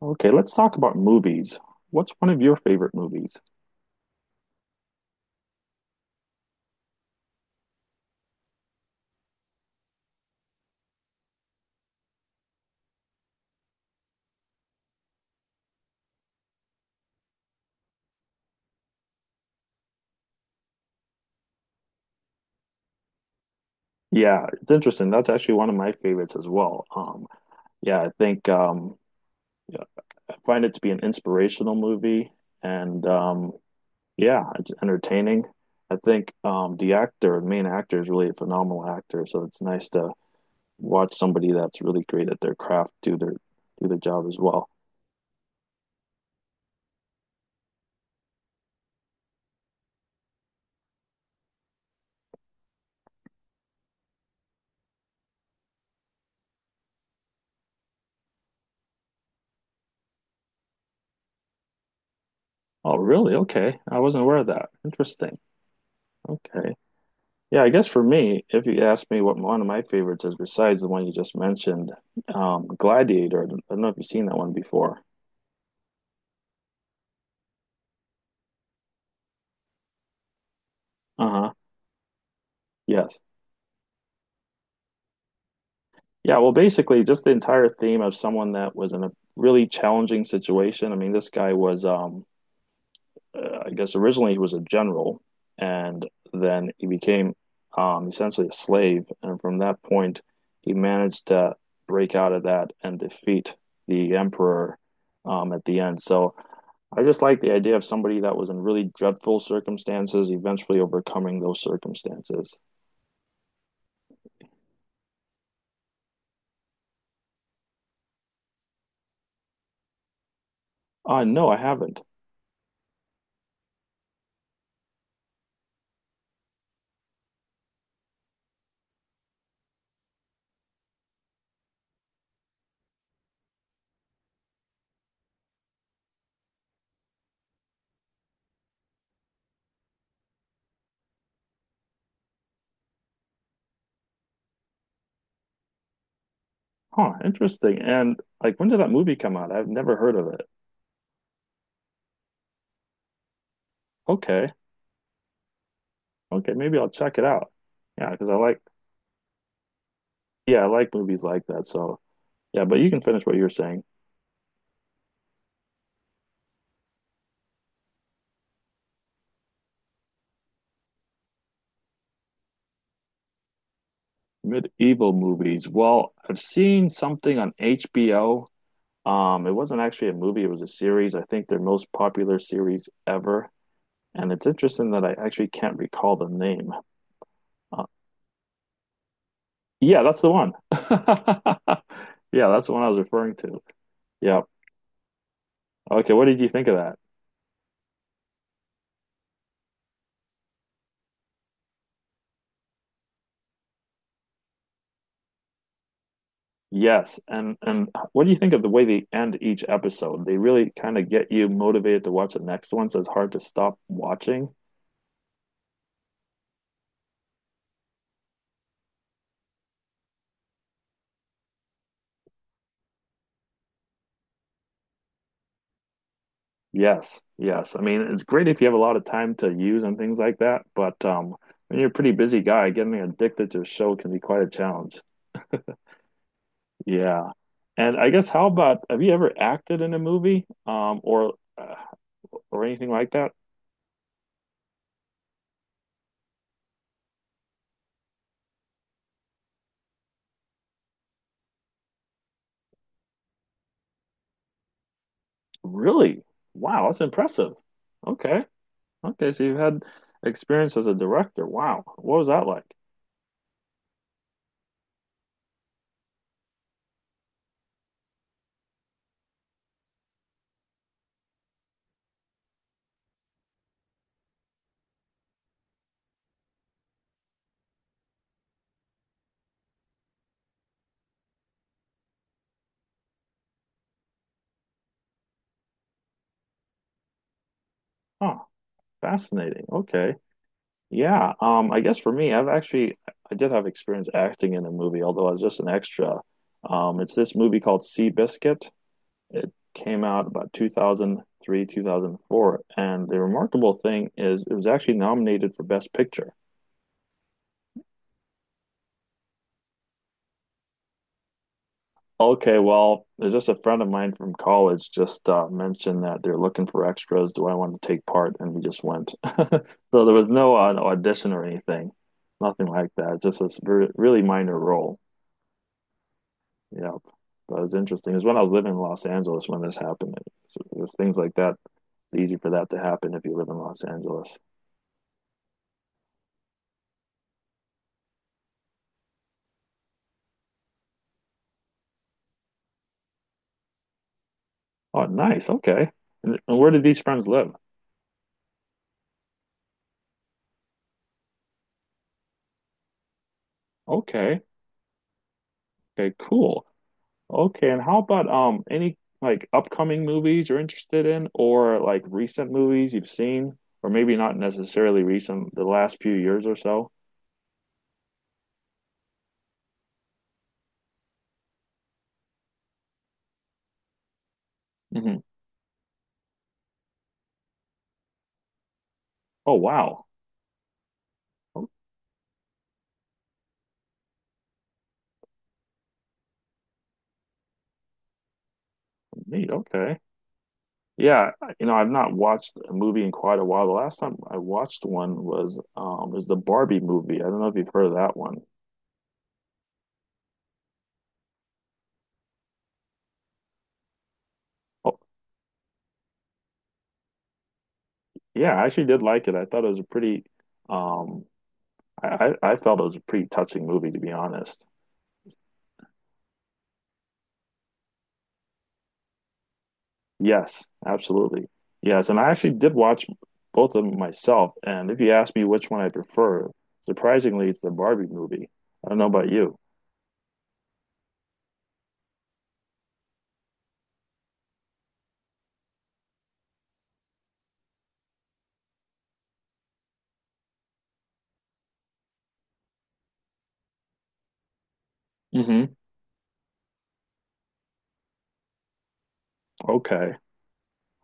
Okay, let's talk about movies. What's one of your favorite movies? Yeah, it's interesting. That's actually one of my favorites as well. Yeah, I think yeah, I find it to be an inspirational movie, and yeah, it's entertaining. I think the actor, the main actor, is really a phenomenal actor. So it's nice to watch somebody that's really great at their craft do their job as well. Oh, really? Okay, I wasn't aware of that. Interesting. Okay. Yeah, I guess for me, if you ask me what one of my favorites is besides the one you just mentioned, Gladiator. I don't know if you've seen that one before. Uh-huh. Yes. Yeah, well, basically just the entire theme of someone that was in a really challenging situation. I mean, this guy was I guess originally he was a general, and then he became essentially a slave. And from that point, he managed to break out of that and defeat the emperor at the end. So I just like the idea of somebody that was in really dreadful circumstances eventually overcoming those circumstances. No, I haven't. Huh, interesting. And like, when did that movie come out? I've never heard of it. Okay, okay, maybe I'll check it out. Yeah, because I like, yeah, I like movies like that. So, yeah, but you can finish what you're saying. Medieval movies. Well, I've seen something on HBO. It wasn't actually a movie, it was a series. I think their most popular series ever. And it's interesting that I actually can't recall the name. Yeah, that's the one. Yeah, that's the one I was referring to. Yeah. Okay, what did you think of that? Yes. And what do you think of the way they end each episode? They really kind of get you motivated to watch the next one, so it's hard to stop watching. Yes. Yes. I mean, it's great if you have a lot of time to use and things like that, but when you're a pretty busy guy, getting addicted to a show can be quite a challenge. Yeah. And I guess how about have you ever acted in a movie or or anything like that? Really? Wow, that's impressive. Okay. Okay, so you've had experience as a director. Wow. What was that like? Huh, fascinating. Okay. Yeah, I guess for me, I did have experience acting in a movie, although I was just an extra. It's this movie called Sea Biscuit. It came out about 2003, 2004, and the remarkable thing is it was actually nominated for Best Picture. Okay, well, there's just a friend of mine from college just mentioned that they're looking for extras. Do I want to take part? And we just went. So there was no no audition or anything, nothing like that. Just a really minor role. Yep. But it was interesting. It was when I was living in Los Angeles when this happened. It's things like that. It's easy for that to happen if you live in Los Angeles. Oh, nice. Okay. And where did these friends live? Okay. Okay, cool. Okay, and how about any like upcoming movies you're interested in or like recent movies you've seen or maybe not necessarily recent, the last few years or so? hmm Oh wow. Oh, neat. Okay. Yeah, you know, I've not watched a movie in quite a while. The last time I watched one was the Barbie movie. I don't know if you've heard of that one. Oh, yeah, I actually did like it. I thought it was a pretty um I felt it was a pretty touching movie to be honest. Yes, absolutely. Yes, and I actually did watch both of them myself. And if you ask me which one I prefer, surprisingly, it's the Barbie movie. I don't know about you. hmm Okay.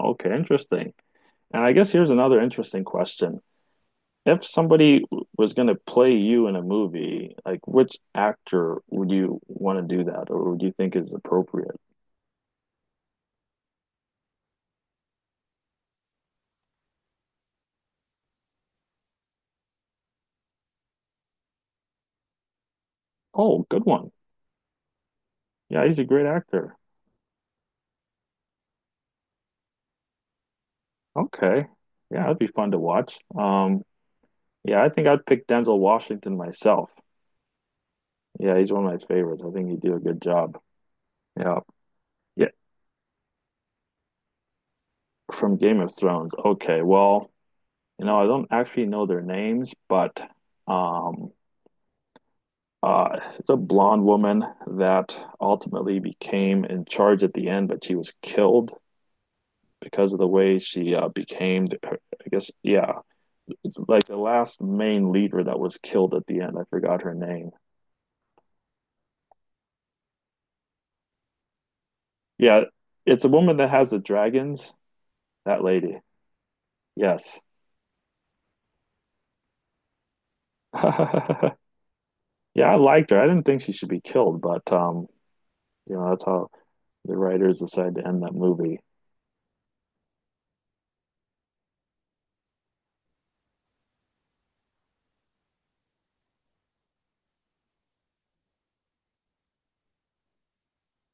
Okay, interesting. And I guess here's another interesting question. If somebody was going to play you in a movie, like which actor would you want to do that or would you think is appropriate? Oh, good one. Yeah, he's a great actor. Okay. Yeah, that'd be fun to watch. Yeah, I think I'd pick Denzel Washington myself. Yeah, he's one of my favorites. I think he did a good job. Yeah. Yeah. From Game of Thrones. Okay. Well, you know, I don't actually know their names, but um it's a blonde woman that ultimately became in charge at the end, but she was killed because of the way she became her, I guess yeah, it's like the last main leader that was killed at the end. I forgot her name. Yeah, it's a woman that has the dragons. That lady. Yes. Yeah, I liked her. I didn't think she should be killed, but you know, that's how the writers decided to end that movie.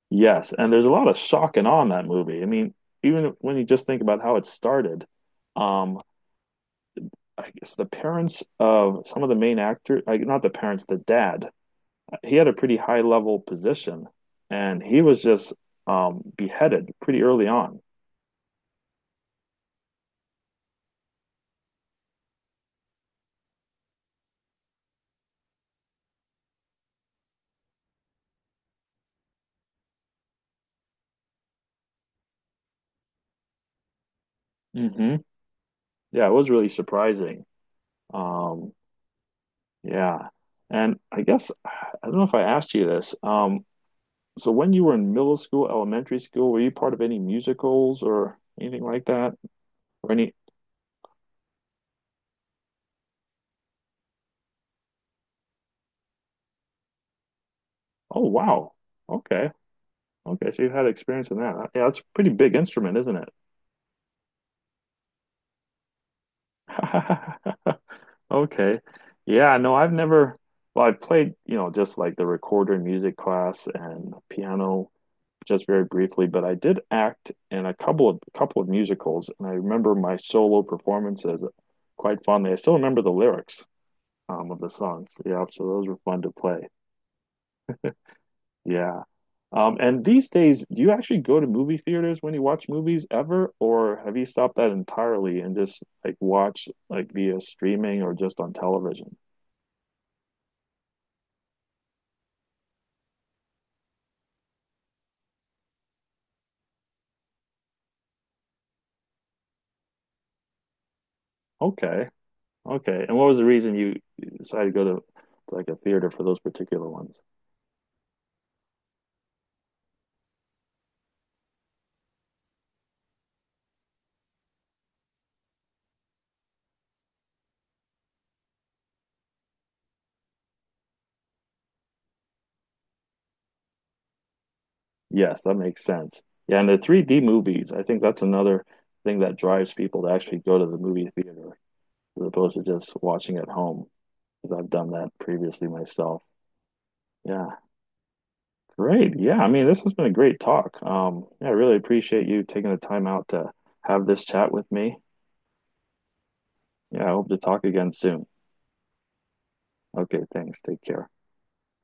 Yes, and there's a lot of shock and awe in that movie. I mean, even when you just think about how it started, um, I guess the parents of some of the main actors, like not the parents, the dad, he had a pretty high level position, and he was just beheaded pretty early on. hmm Yeah, it was really surprising. Um, yeah, and I guess I don't know if I asked you this. So when you were in middle school, elementary school, were you part of any musicals or anything like that? Or any, oh wow. Okay. Okay. So you've had experience in that. Yeah, that's a pretty big instrument, isn't it? Okay. Yeah, no, I've never, well, I played, you know, just like the recorder in music class and piano just very briefly, but I did act in a couple of musicals and I remember my solo performances quite fondly. I still remember the lyrics of the songs. Yeah, so those were fun to play. Yeah. And these days, do you actually go to movie theaters when you watch movies ever, or have you stopped that entirely and just like watch like via streaming or just on television? Okay, okay. And what was the reason you decided to go to like a theater for those particular ones? Yes, that makes sense. Yeah, and the 3D movies, I think that's another thing that drives people to actually go to the movie theater as opposed to just watching at home, because I've done that previously myself. Yeah. Great. Yeah, I mean, this has been a great talk. Yeah, I really appreciate you taking the time out to have this chat with me. Yeah, I hope to talk again soon. Okay, thanks. Take care.